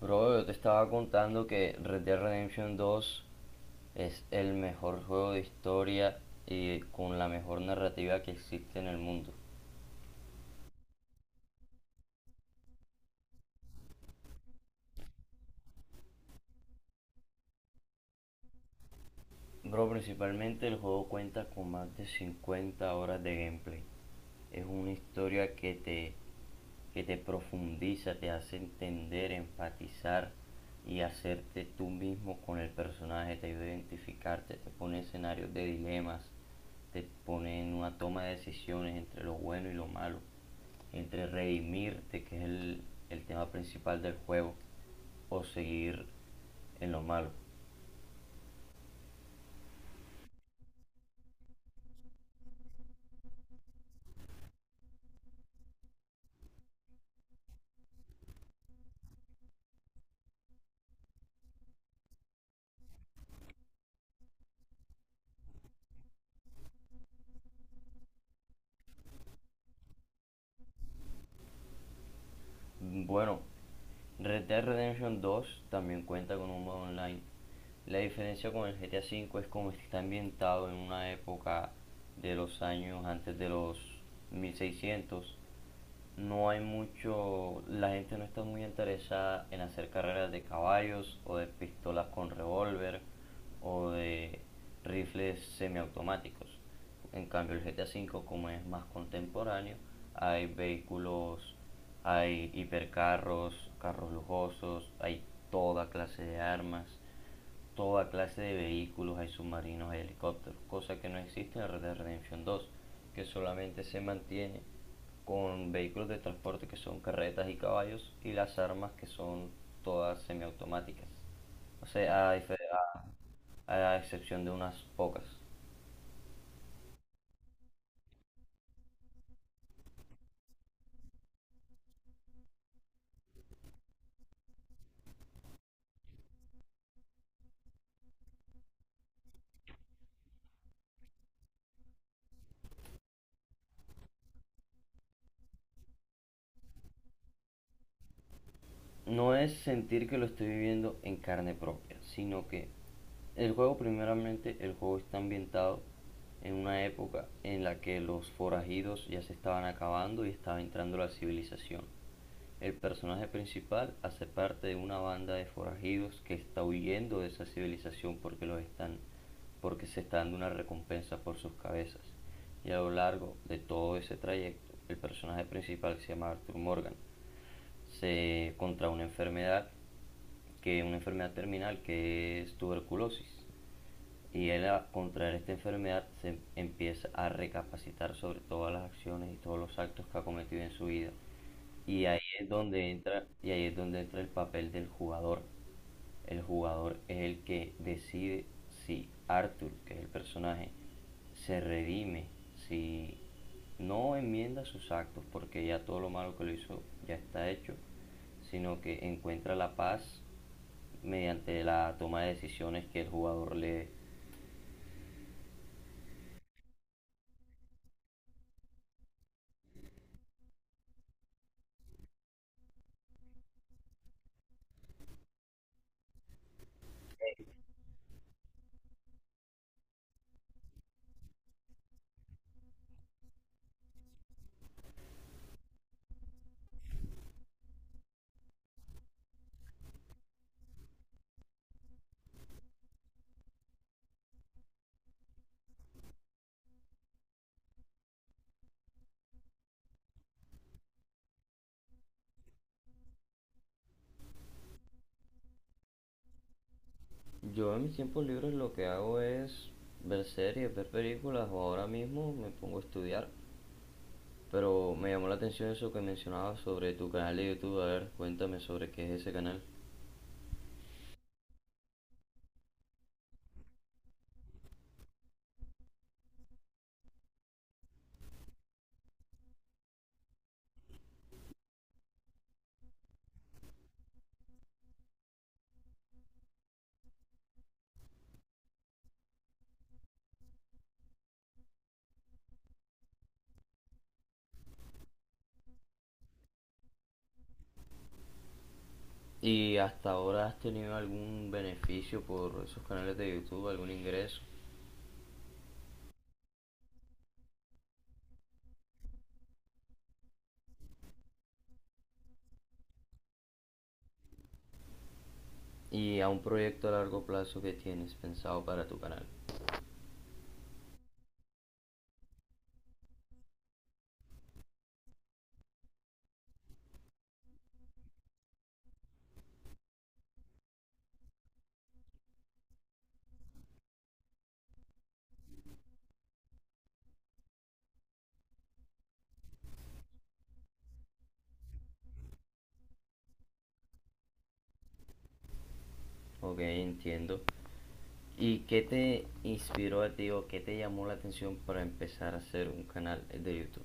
Bro, yo te estaba contando que Red Dead Redemption 2 es el mejor juego de historia y con la mejor narrativa que existe en el mundo. Bro, principalmente el juego cuenta con más de 50 horas de gameplay. Es una historia que te profundiza, te hace entender, empatizar y hacerte tú mismo con el personaje, te ayuda a identificarte, te pone escenarios de dilemas, te pone en una toma de decisiones entre lo bueno y lo malo, entre redimirte, que es el tema principal del juego, o seguir en lo malo. Bueno, Red Dead Redemption 2 también cuenta con un modo online. La diferencia con el GTA V es como está ambientado en una época de los años antes de los 1600. No hay mucho, la gente no está muy interesada en hacer carreras de caballos o de pistolas con revólver o de rifles semiautomáticos. En cambio, el GTA V, como es más contemporáneo, hay vehículos, hay hipercarros, carros lujosos, hay toda clase de armas, toda clase de vehículos, hay submarinos, hay helicópteros, cosa que no existe en Red Dead Redemption 2, que solamente se mantiene con vehículos de transporte que son carretas y caballos, y las armas, que son todas semiautomáticas. O sea, a excepción de unas pocas. No es sentir que lo estoy viviendo en carne propia, sino que el juego, primeramente, el juego está ambientado en una época en la que los forajidos ya se estaban acabando y estaba entrando la civilización. El personaje principal hace parte de una banda de forajidos que está huyendo de esa civilización porque se está dando una recompensa por sus cabezas. Y a lo largo de todo ese trayecto, el personaje principal, que se llama Arthur Morgan, contra una enfermedad, que una enfermedad terminal que es tuberculosis, y él, a contraer esta enfermedad, se empieza a recapacitar sobre todas las acciones y todos los actos que ha cometido en su vida. Y ahí es donde entra el papel del jugador. El jugador es el que decide si Arthur, que es el personaje, se redime, si no enmienda sus actos, porque ya todo lo malo que lo hizo ya está hecho, sino que encuentra la paz mediante la toma de decisiones que el jugador le... Yo, en mis tiempos libres, lo que hago es ver series, ver películas, o ahora mismo me pongo a estudiar. Pero me llamó la atención eso que mencionabas sobre tu canal de YouTube. A ver, cuéntame sobre qué es ese canal. ¿Y hasta ahora has tenido algún beneficio por esos canales de YouTube, algún ingreso? ¿Y a un proyecto a largo plazo que tienes pensado para tu canal? Ok, entiendo. ¿Y qué te inspiró a ti, o qué te llamó la atención para empezar a hacer un canal de YouTube?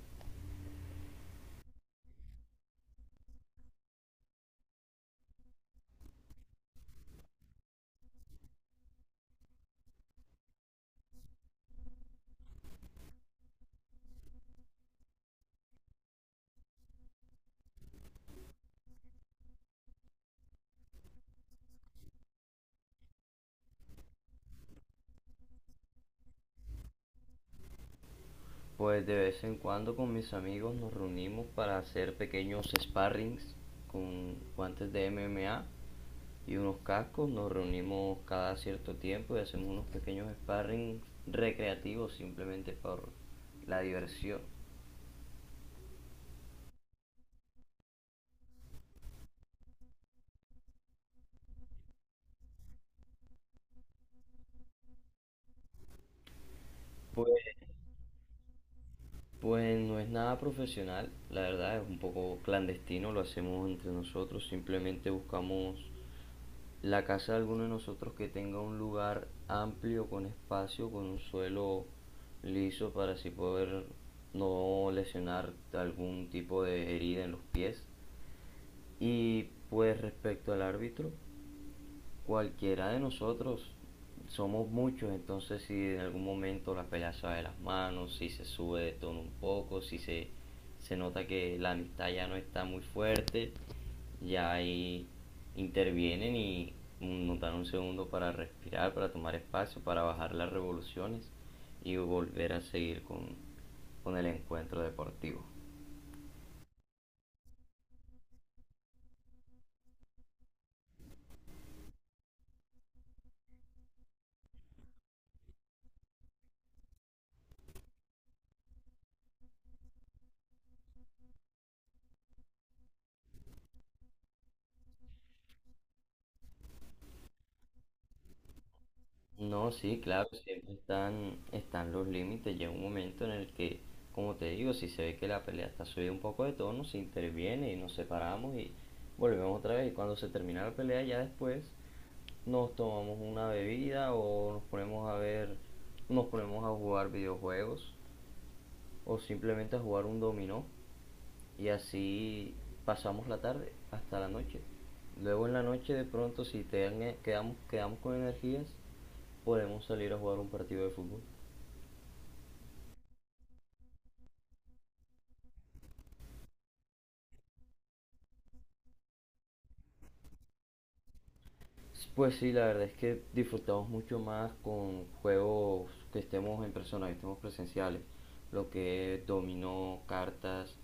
Pues, de vez en cuando, con mis amigos nos reunimos para hacer pequeños sparrings con guantes de MMA y unos cascos. Nos reunimos cada cierto tiempo y hacemos unos pequeños sparrings recreativos, simplemente por la diversión. Pues, pues no es nada profesional, la verdad es un poco clandestino, lo hacemos entre nosotros, simplemente buscamos la casa de alguno de nosotros que tenga un lugar amplio, con espacio, con un suelo liso, para así poder no lesionar algún tipo de herida en los pies. Y pues, respecto al árbitro, cualquiera de nosotros, somos muchos, entonces si en algún momento la pelea se va de las manos, si se sube de tono un poco, si se nota que la amistad ya no está muy fuerte, ya ahí intervienen y nos dan un segundo para respirar, para tomar espacio, para bajar las revoluciones y volver a seguir con el encuentro deportivo. No, sí, claro, siempre están, están los límites. Llega un momento en el que, como te digo, si se ve que la pelea está subida un poco de tono, se interviene y nos separamos, y volvemos otra vez. Y cuando se termina la pelea, ya después nos tomamos una bebida, o nos ponemos a ver, nos ponemos a jugar videojuegos, o simplemente a jugar un dominó, y así pasamos la tarde hasta la noche. Luego, en la noche, de pronto, si te dan- quedamos con energías, podemos salir a jugar un partido de fútbol. Pues sí, la verdad es que disfrutamos mucho más con juegos que estemos en persona, que estemos presenciales. Lo que es dominó, cartas,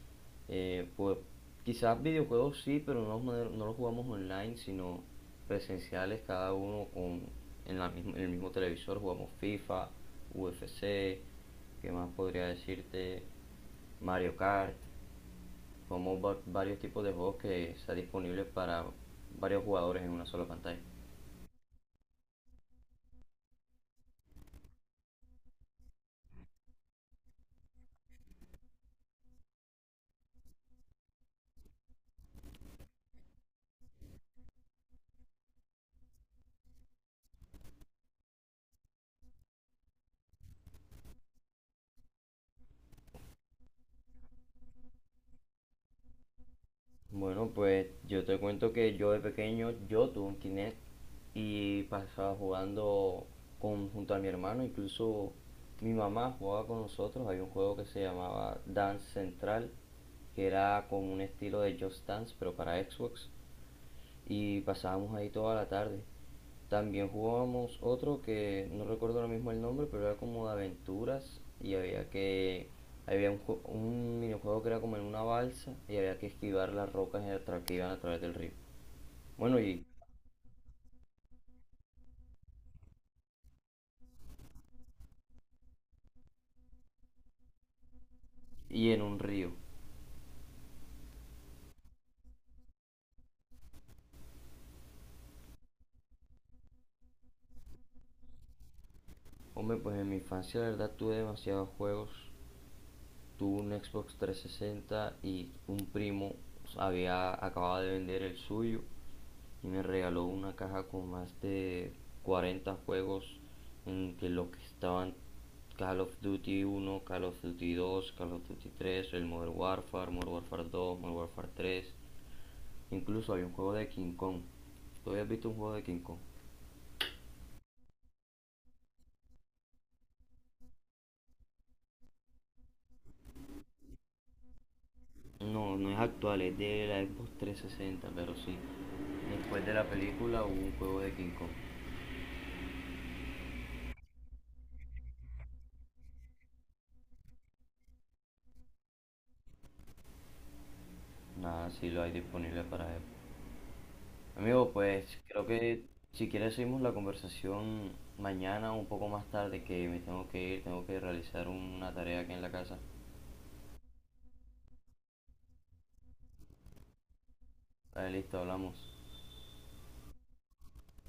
pues quizás videojuegos sí, pero no, no los jugamos online, sino presenciales, cada uno con, en el mismo televisor. Jugamos FIFA, UFC, ¿qué más podría decirte? Mario Kart, como varios tipos de juegos que está disponibles para varios jugadores en una sola pantalla. Bueno, pues yo te cuento que yo, de pequeño, yo tuve un Kinect y pasaba jugando con, junto a mi hermano. Incluso mi mamá jugaba con nosotros. Había un juego que se llamaba Dance Central, que era como un estilo de Just Dance, pero para Xbox. Y pasábamos ahí toda la tarde. También jugábamos otro que no recuerdo ahora mismo el nombre, pero era como de aventuras, y había un minijuego que era como en una balsa, y había que esquivar las rocas que iban a través del río. Bueno, y en un río. Hombre, pues en mi infancia la verdad tuve demasiados juegos. Tuve un Xbox 360 y un primo había acabado de vender el suyo y me regaló una caja con más de 40 juegos, entre los que estaban Call of Duty 1, Call of Duty 2, Call of Duty 3, el Modern Warfare, Modern Warfare 2, Modern Warfare 3. Incluso había un juego de King Kong. ¿Tú habías visto un juego de King Kong? No, no es actual, es de la Xbox 360, pero sí. Después de la película hubo un juego de King Kong. Nada, sí lo hay disponible para Xbox. Amigo, pues creo que si quieres seguimos la conversación mañana, un poco más tarde, que me tengo que ir, tengo que realizar una tarea aquí en la casa. Vale, listo, hablamos.